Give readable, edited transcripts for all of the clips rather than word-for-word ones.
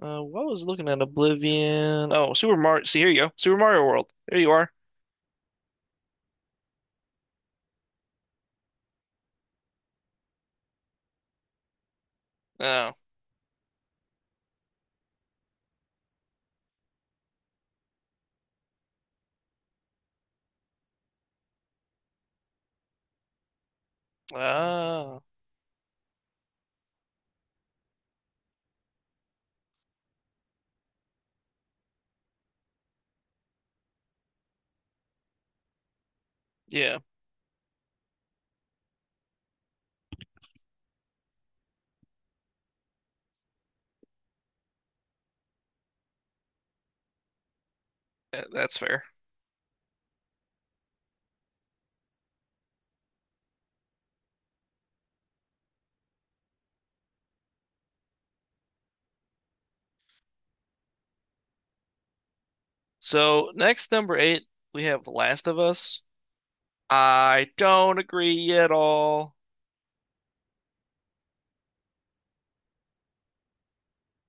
What was looking at Oblivion? Oh, Super Mario. See, here you go. Super Mario World. There you are. Oh, ah, yeah, that's fair. So next number eight, we have Last of Us. I don't agree at all.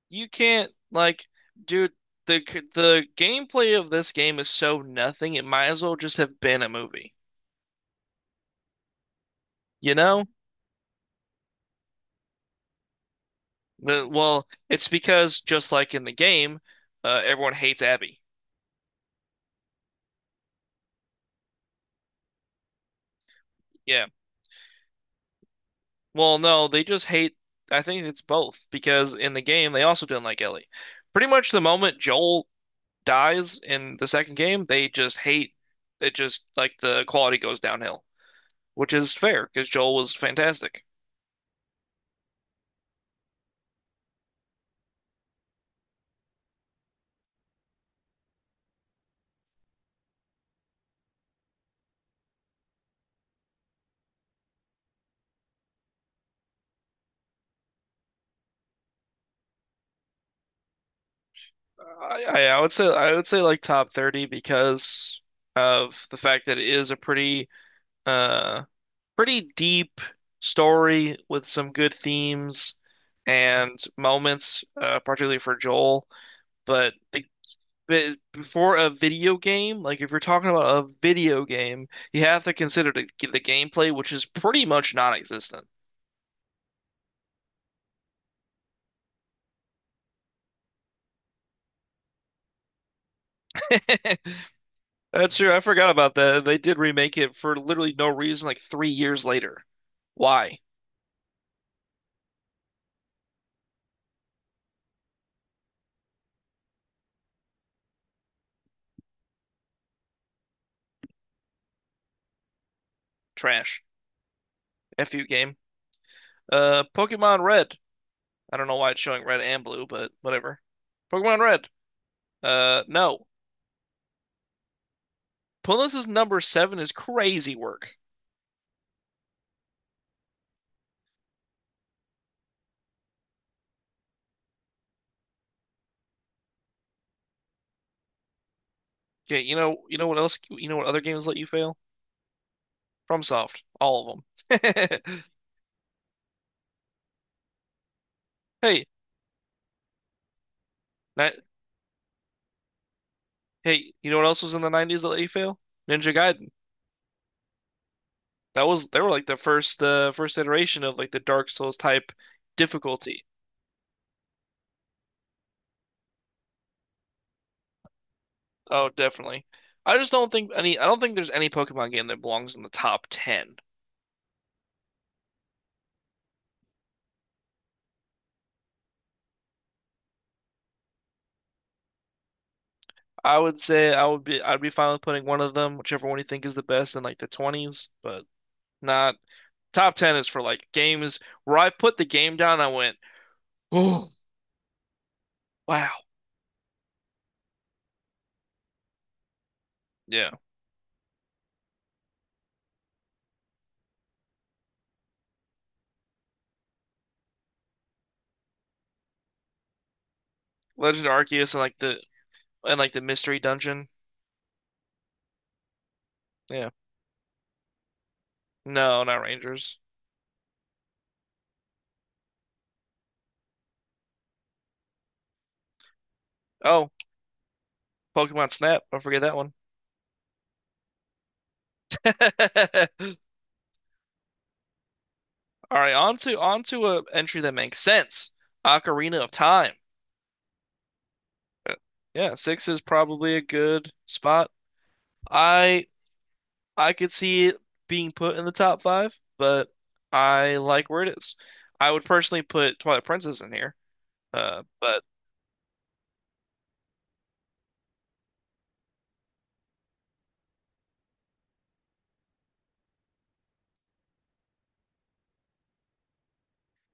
You can't like, dude. The the gameplay of this game is so nothing. It might as well just have been a movie. You know? The, well, it's because just like in the game, everyone hates Abby. Yeah. Well, no, they just hate. I think it's both because in the game they also didn't like Ellie. Pretty much the moment Joel dies in the second game, they just hate it. Just like the quality goes downhill, which is fair because Joel was fantastic. I would say like top 30 because of the fact that it is a pretty uh pretty deep story with some good themes and moments, particularly for Joel. But the but before a video game, like if you're talking about a video game, you have to consider the gameplay, which is pretty much non-existent. That's true. I forgot about that. They did remake it for literally no reason, like 3 years later. Why? Trash. F you game. Pokemon Red. I don't know why it's showing red and blue, but whatever. Pokemon Red. No. Punless's number seven is crazy work. Okay, you know what else? You know what other games let you fail? FromSoft, all of them. Hey, ni- hey, you know what else was in the 90s that let you fail? Ninja Gaiden. That was they were like the first first iteration of like the Dark Souls type difficulty. Oh, definitely. I don't think there's any Pokemon game that belongs in the top 10. I would say I'd be fine with putting one of them, whichever one you think is the best in like the 20s, but not top 10 is for like games where I put the game down and I went, "Oh, wow." Yeah. Legend of Arceus and like the mystery dungeon. Yeah. No, not Rangers. Oh, Pokemon Snap. Don't forget that one. All right, on to a entry that makes sense. Ocarina of Time. Uh, Yeah, six is probably a good spot. I I could see it being put in the top five, but I like where it is. I would personally put Twilight Princess in here, but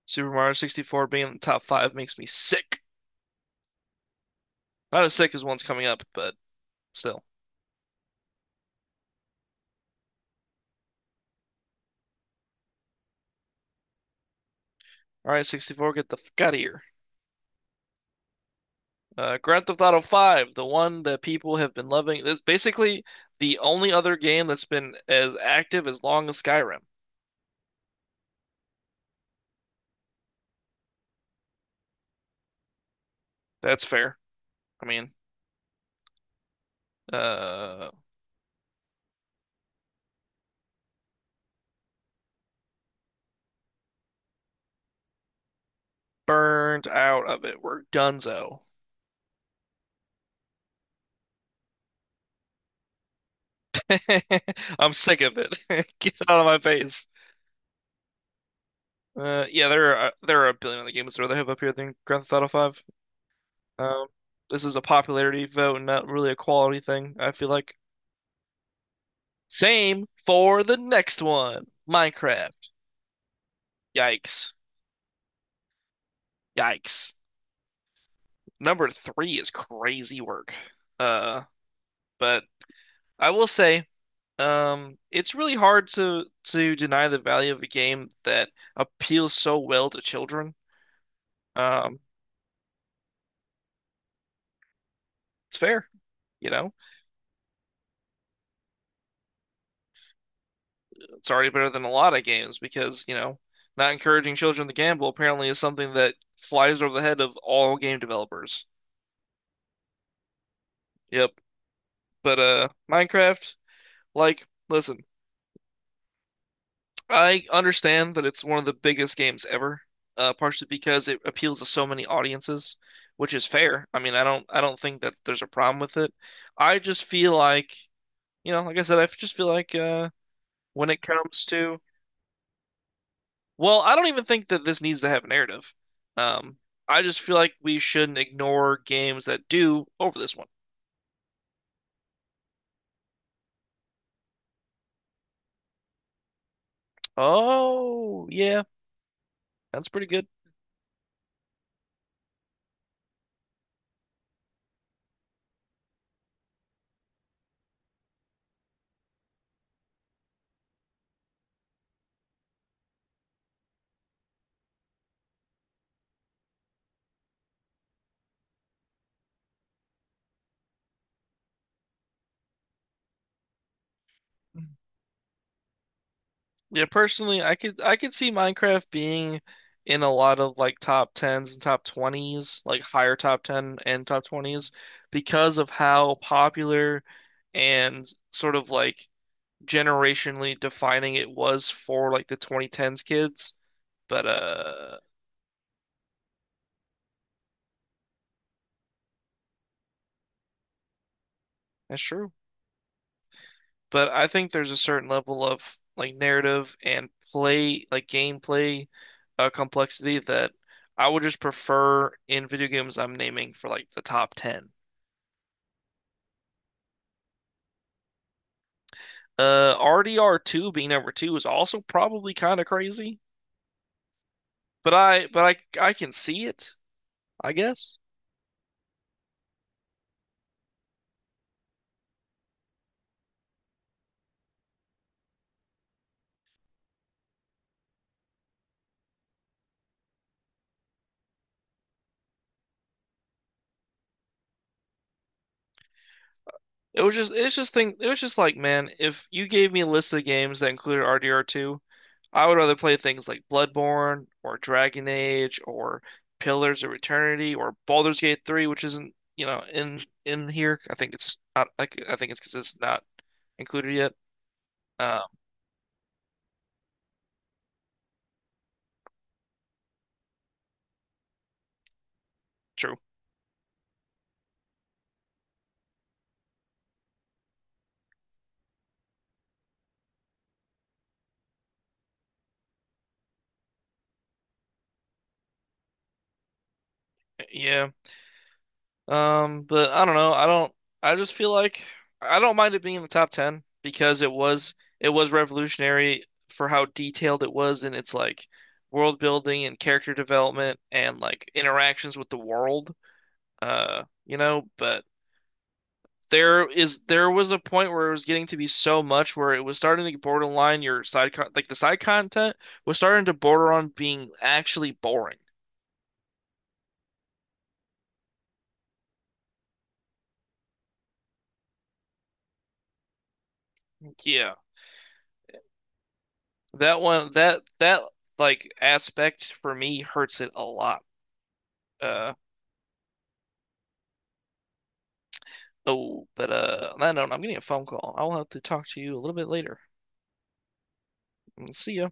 Super Mario 64 being in the top five makes me sick. Not as sick as one's coming up, but still. All right, 64, get the fuck out of here. Grand Theft Auto 5, the one that people have been loving. It's basically the only other game that's been as active as long as Skyrim. That's fair. I mean, uh, burned out of it. We're donezo. I'm sick of it. Get it out of my face. Yeah, there are a billion other games that they have up here than Grand Theft Auto 5. Um, this is a popularity vote, and not really a quality thing. I feel like. Same for the next one, Minecraft. Yikes! Yikes! Number three is crazy work. Uh, but I will say, it's really hard to deny the value of a game that appeals so well to children. Um, it's fair, you know. It's already better than a lot of games because, you know, not encouraging children to gamble apparently is something that flies over the head of all game developers. Yep. But Minecraft, like, listen. I understand that it's one of the biggest games ever, partially because it appeals to so many audiences, which is fair. I mean, I don't think that there's a problem with it. I just feel like, you know, like I said, I just feel like when it comes to, well, I don't even think that this needs to have a narrative. Um, I just feel like we shouldn't ignore games that do over this one. Oh, yeah, that's pretty good. Yeah, personally, I could see Minecraft being in a lot of like top 10s and top 20s, like higher top 10 and top 20s because of how popular and sort of like generationally defining it was for like the 2010s kids. But that's true. But I think there's a certain level of like narrative and play, like gameplay complexity that I would just prefer in video games I'm naming for like the top 10. RDR2 being number two is also probably kind of crazy, but I can see it, I guess. It was just it was just like, man, if you gave me a list of games that included RDR2, I would rather play things like Bloodborne or Dragon Age or Pillars of Eternity or Baldur's Gate 3, which isn't, you know, in here. I think it's not like I think it's because it's not included yet. Um, true. Yeah. But I don't know. I don't I just feel like I don't mind it being in the top 10 because it was revolutionary for how detailed it was in its like world building and character development and like interactions with the world. You know, but there was a point where it was getting to be so much where it was starting to get borderline your side con like the side content was starting to border on being actually boring. Yeah. That one, that that like aspect for me hurts it a lot. Uh oh, but on that note, I'm getting a phone call. I'll have to talk to you a little bit later. See ya.